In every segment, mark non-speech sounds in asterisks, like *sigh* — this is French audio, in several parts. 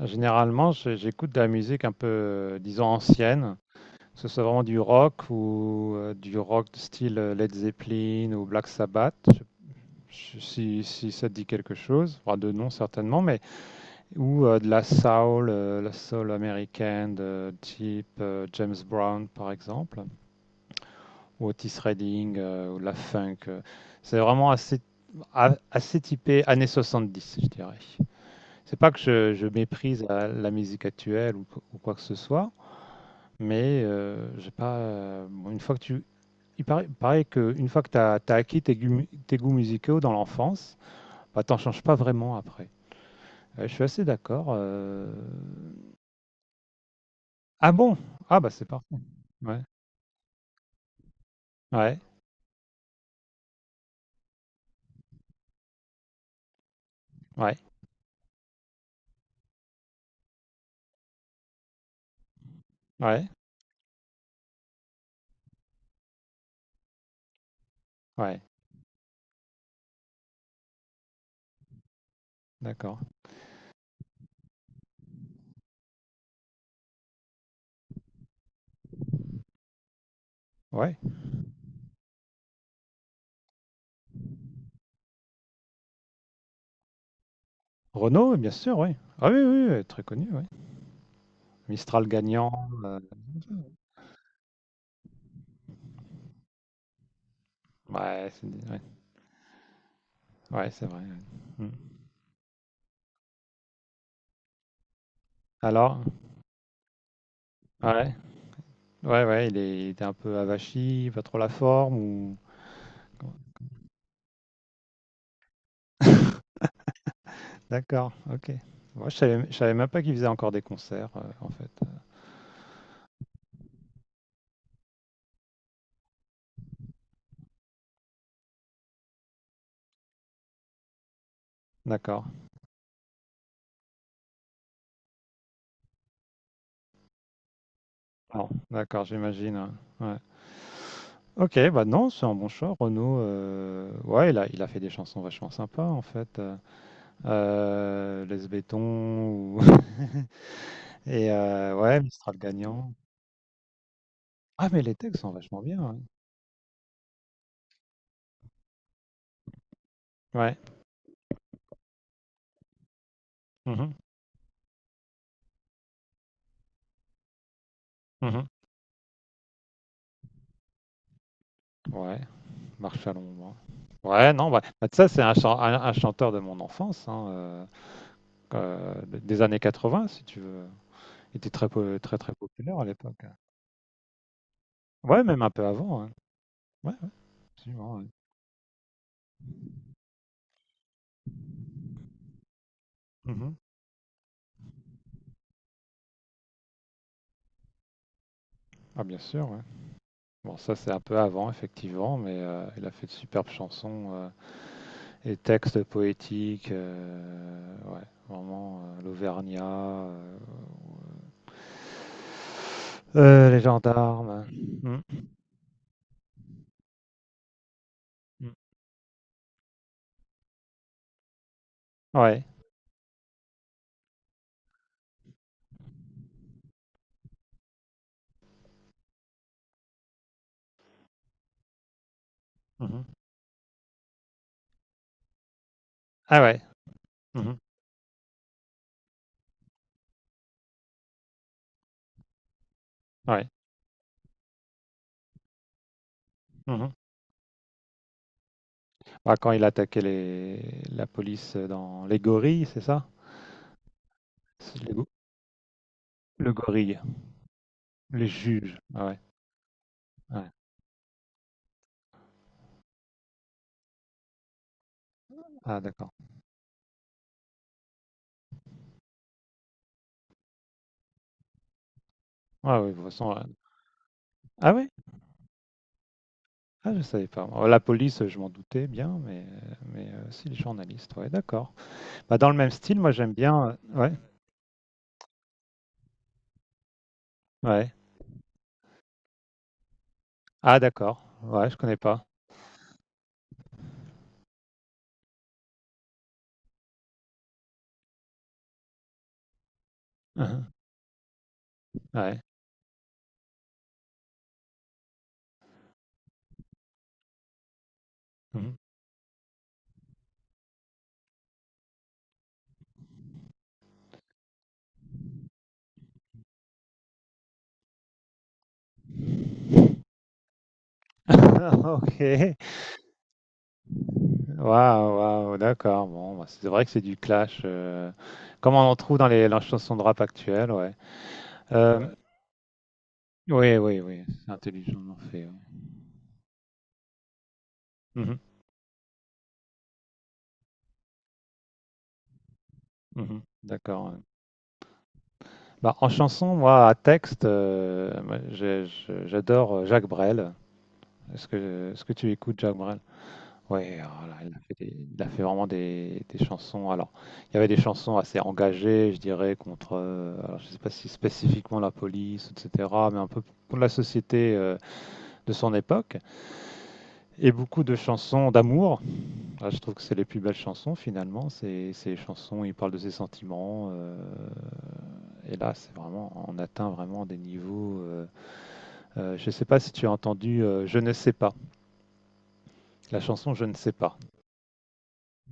Généralement, j'écoute de la musique un peu, disons, ancienne, que ce soit vraiment du rock ou du rock de style Led Zeppelin ou Black Sabbath. Si ça te dit quelque chose, enfin, de nom certainement, mais ou de la soul américaine de type James Brown par exemple, ou Otis Redding, ou de la funk. C'est vraiment assez, assez typé années 70, je dirais. C'est pas que je méprise la musique actuelle ou quoi que ce soit. Mais j'ai pas, bon une fois que tu il paraît que une fois que tu as acquis tes goûts musicaux dans l'enfance, bah, t'en changes pas vraiment après. Ouais, je suis assez d'accord. Ah bon? Ah bah, c'est parfait. Ouais. Ouais. Ouais. Ouais. Ouais. D'accord. Ouais. Renaud, bien sûr, oui. Ah oui, oui, oui, très connu, oui. Mistral gagnant, ouais, c'est des ouais. Ouais, c'est vrai, ouais. Mmh. Alors? Ouais. Ouais, ouais, il était un peu avachi, pas trop la forme ou? *laughs* D'accord, OK. Moi, je savais même pas qu'ils faisaient encore des concerts, en fait. D'accord. Alors, d'accord, j'imagine, ouais. Ouais. OK, bah, non, c'est un bon choix, Renaud, ouais, il a fait des chansons vachement sympas, en fait, laisse ou *laughs* et ouais, Mistral Gagnant. Ah, mais les textes sont vachement bien, ouais. Ouais. Mmh mh. Mmh. Ouais, Marche à l'ombre, hein. Ouais, non, bah, ça, c'est un chanteur de mon enfance, hein, des années 80, si tu veux. Il était très, très, très populaire à l'époque. Ouais, même un peu avant, hein. Ouais, absolument, ouais. Mhm. Ah, bien sûr, ouais. Bon, ça, c'est un peu avant, effectivement, mais il a fait de superbes chansons et textes poétiques. Ouais, vraiment, l'Auvergnat, ouais. Les gendarmes. Mm, mm. Ouais. Mhm. Ah ouais. Mhm. Ouais. Mhm. Ah, quand il attaquait les... la police dans les gorilles, c'est ça? C'est Le gorille, les juges. Ah ouais. Ouais. Ah d'accord. Ah oui, de toute façon. Ah ouais? Ah, je savais pas. Oh, la police, je m'en doutais bien, mais si les journalistes, ouais, d'accord. Bah, dans le même style, moi j'aime bien. Ouais, ouais. Ah d'accord. Ouais, je connais pas. Uhum. Ouais. Mhm. *laughs* Ok. Waouh, waouh, d'accord. Bon, bah, c'est vrai que c'est du clash. Comme on en trouve dans les chansons de rap actuelles, ouais. Euh, oui, oui, oui, c'est intelligemment fait, ouais. Mhm, mhm, d'accord, ouais. Bah, en chanson, moi, à texte, moi, j'adore Jacques Brel. Est-ce que tu écoutes Jacques Brel? Oui, il a fait vraiment des chansons. Alors, il y avait des chansons assez engagées, je dirais, contre, alors, je sais pas si spécifiquement la police, etc., mais un peu pour la société de son époque, et beaucoup de chansons d'amour. Ah, je trouve que c'est les plus belles chansons finalement, c'est ces chansons, où il parle de ses sentiments. Et là, c'est vraiment, on atteint vraiment des niveaux. Je ne sais pas si tu as entendu Je ne sais pas. La chanson Je ne sais pas.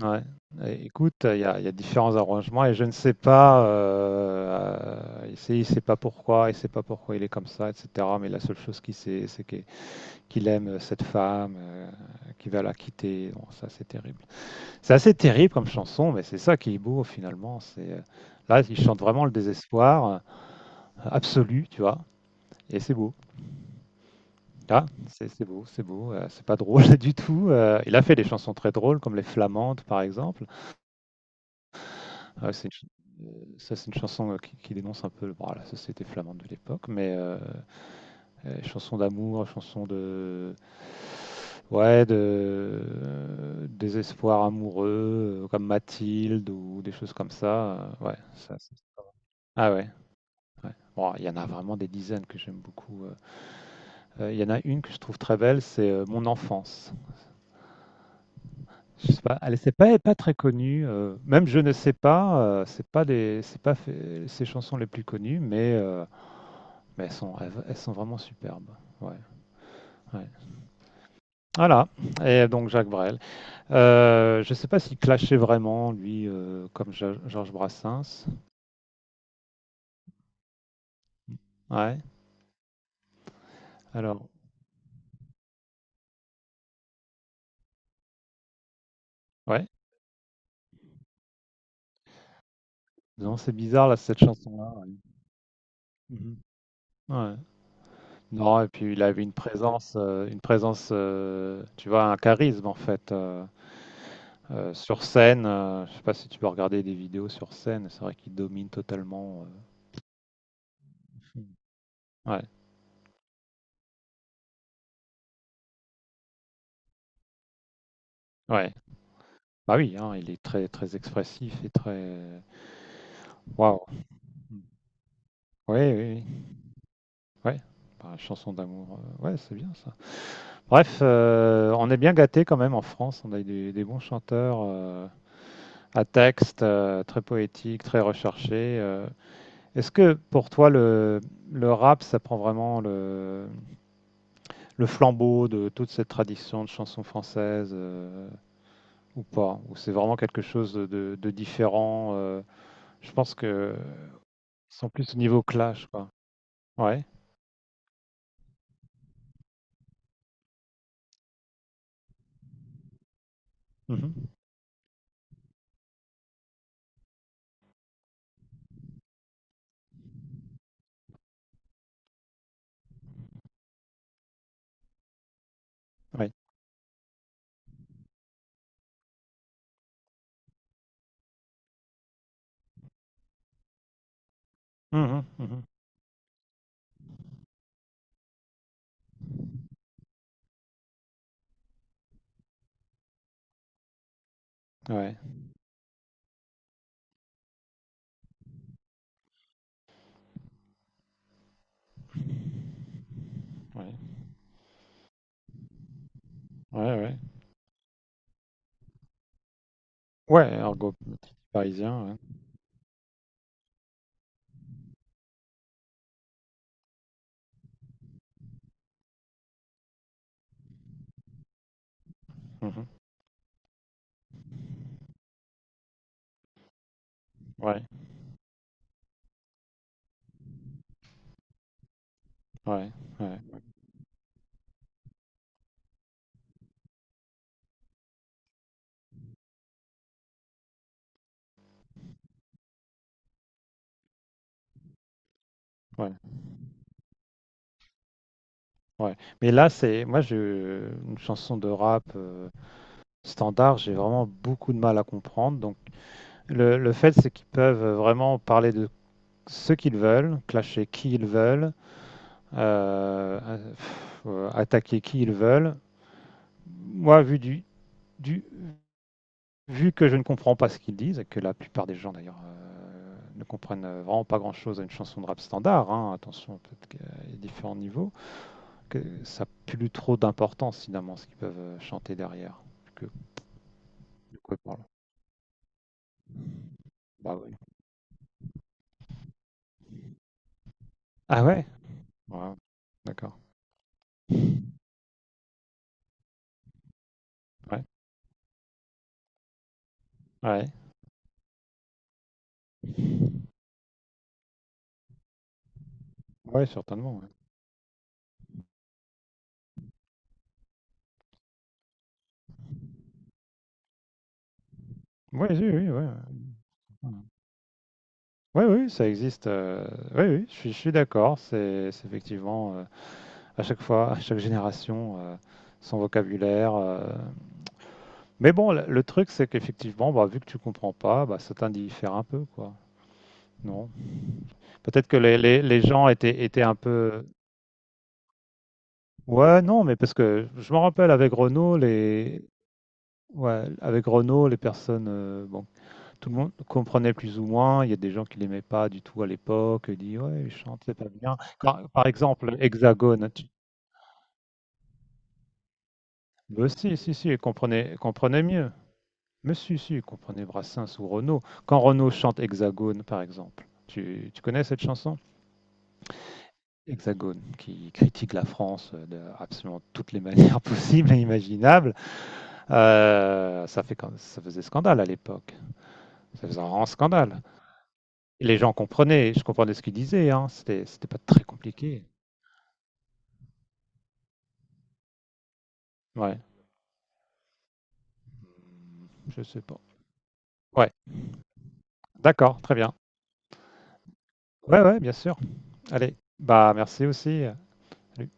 Ouais. Et écoute, il y a différents arrangements et je ne sais pas. Il sait pas pourquoi il est comme ça, etc. Mais la seule chose qu'il sait, c'est qu'il aime cette femme, qu'il va la quitter. Bon, ça, c'est terrible. C'est assez terrible comme chanson, mais c'est ça qui est beau finalement. C'est Là, il chante vraiment le désespoir, absolu, tu vois, et c'est beau. Là, c'est beau, c'est beau. C'est pas drôle *laughs* du tout. Il a fait des chansons très drôles, comme les Flamandes, par exemple. Euh, c'est une ch- Ça, c'est une chanson qui dénonce un peu bon, la société flamande de l'époque, mais chanson d'amour, chanson de ouais, de désespoir amoureux, comme Mathilde ou des choses comme ça. Ouais, ça, ah ouais, ouais. Bon, il y en a vraiment des dizaines que j'aime beaucoup. Il y en a une que je trouve très belle, c'est Mon enfance. Je sais pas, elle c'est pas très connue. Même je ne sais pas, c'est pas les, c'est pas fait- ses chansons les plus connues, mais elles sont vraiment superbes. Ouais, ouais. Voilà. Et donc Jacques Brel. Je sais pas s'il clashait vraiment lui, comme Georges Brassens. Ouais. Alors, ouais. Non, c'est bizarre là cette chanson-là, ouais. Mhm. Ouais. Non, et puis il avait une présence, tu vois, un charisme en fait. Sur scène, je sais pas si tu peux regarder des vidéos sur scène, c'est vrai qu'il domine totalement. euh, Ouais, ouais. Bah oui, hein, il est très très expressif et très. Waouh. Oui, oui, oui. Ouais. Bah, chanson d'amour, ouais, c'est bien ça. Bref, on est bien gâté quand même en France. On a des bons chanteurs à texte, très poétiques, très recherchés. Est-ce que pour toi, le rap, ça prend vraiment le flambeau de toute cette tradition de chansons françaises, ou pas? Ou c'est vraiment quelque chose de différent? Je pense que ils sont plus au niveau clash, quoi. Ouais. Mhm. Ouais. Mhm, mhm. Ouais. Ouais. Ouais. Ouais. Ouais. Argot parisien. Ouais. Mhm. Ouais. Ouais. Ouais. Ouais. Ouais. Mais là, c'est moi, je une chanson de rap standard, j'ai vraiment beaucoup de mal à comprendre. Le fait, c'est qu'ils peuvent vraiment parler de ce qu'ils veulent, clasher qui ils veulent, euh, attaquer qui ils veulent. Moi, du, vu que je ne comprends pas ce qu'ils disent, et que la plupart des gens d'ailleurs ne comprennent vraiment pas grand-chose à une chanson de rap standard, hein, attention, peut-être qu'il y a différents niveaux, que ça n'a plus trop d'importance finalement ce qu'ils peuvent chanter derrière. Que, de quoi ils parlent. Bah oui. Ah ouais, ouais, d'accord. Ouais. Ouais. Ouais, certainement, ouais. Oui, oui, oui, ouais. Oui, oui, ça existe. Oui, oui, je suis d'accord. C'est effectivement à chaque fois, à chaque génération, son vocabulaire. Mais bon, le truc, c'est qu'effectivement, bah, vu que tu comprends pas, bah, ça t'indiffère un peu, quoi. Non. Peut-être que les gens étaient un peu. Ouais, non, mais parce que je me rappelle avec Renault, les. Ouais, avec Renault, les personnes, bon, tout le monde comprenait plus ou moins. Il y a des gens qui l'aimaient pas du tout à l'époque, dit: «Ouais, il chante, c'est pas bien». Quand par exemple, Hexagone, tu mais si, si, si, elle comprenait mieux. Mais si, si, elle comprenait Brassens ou Renaud. Quand Renaud chante Hexagone, par exemple, tu connais cette chanson? Hexagone, qui critique la France, de absolument toutes les manières *laughs* possibles et imaginables, ça fait quand ça faisait scandale à l'époque. Ça faisait un grand scandale. Et les gens comprenaient, je comprenais ce qu'ils disaient, hein, c'était pas très compliqué. Ouais. Je sais pas. Ouais, d'accord, très bien. Ouais, ouais, bien sûr. Allez, bah merci aussi. Salut.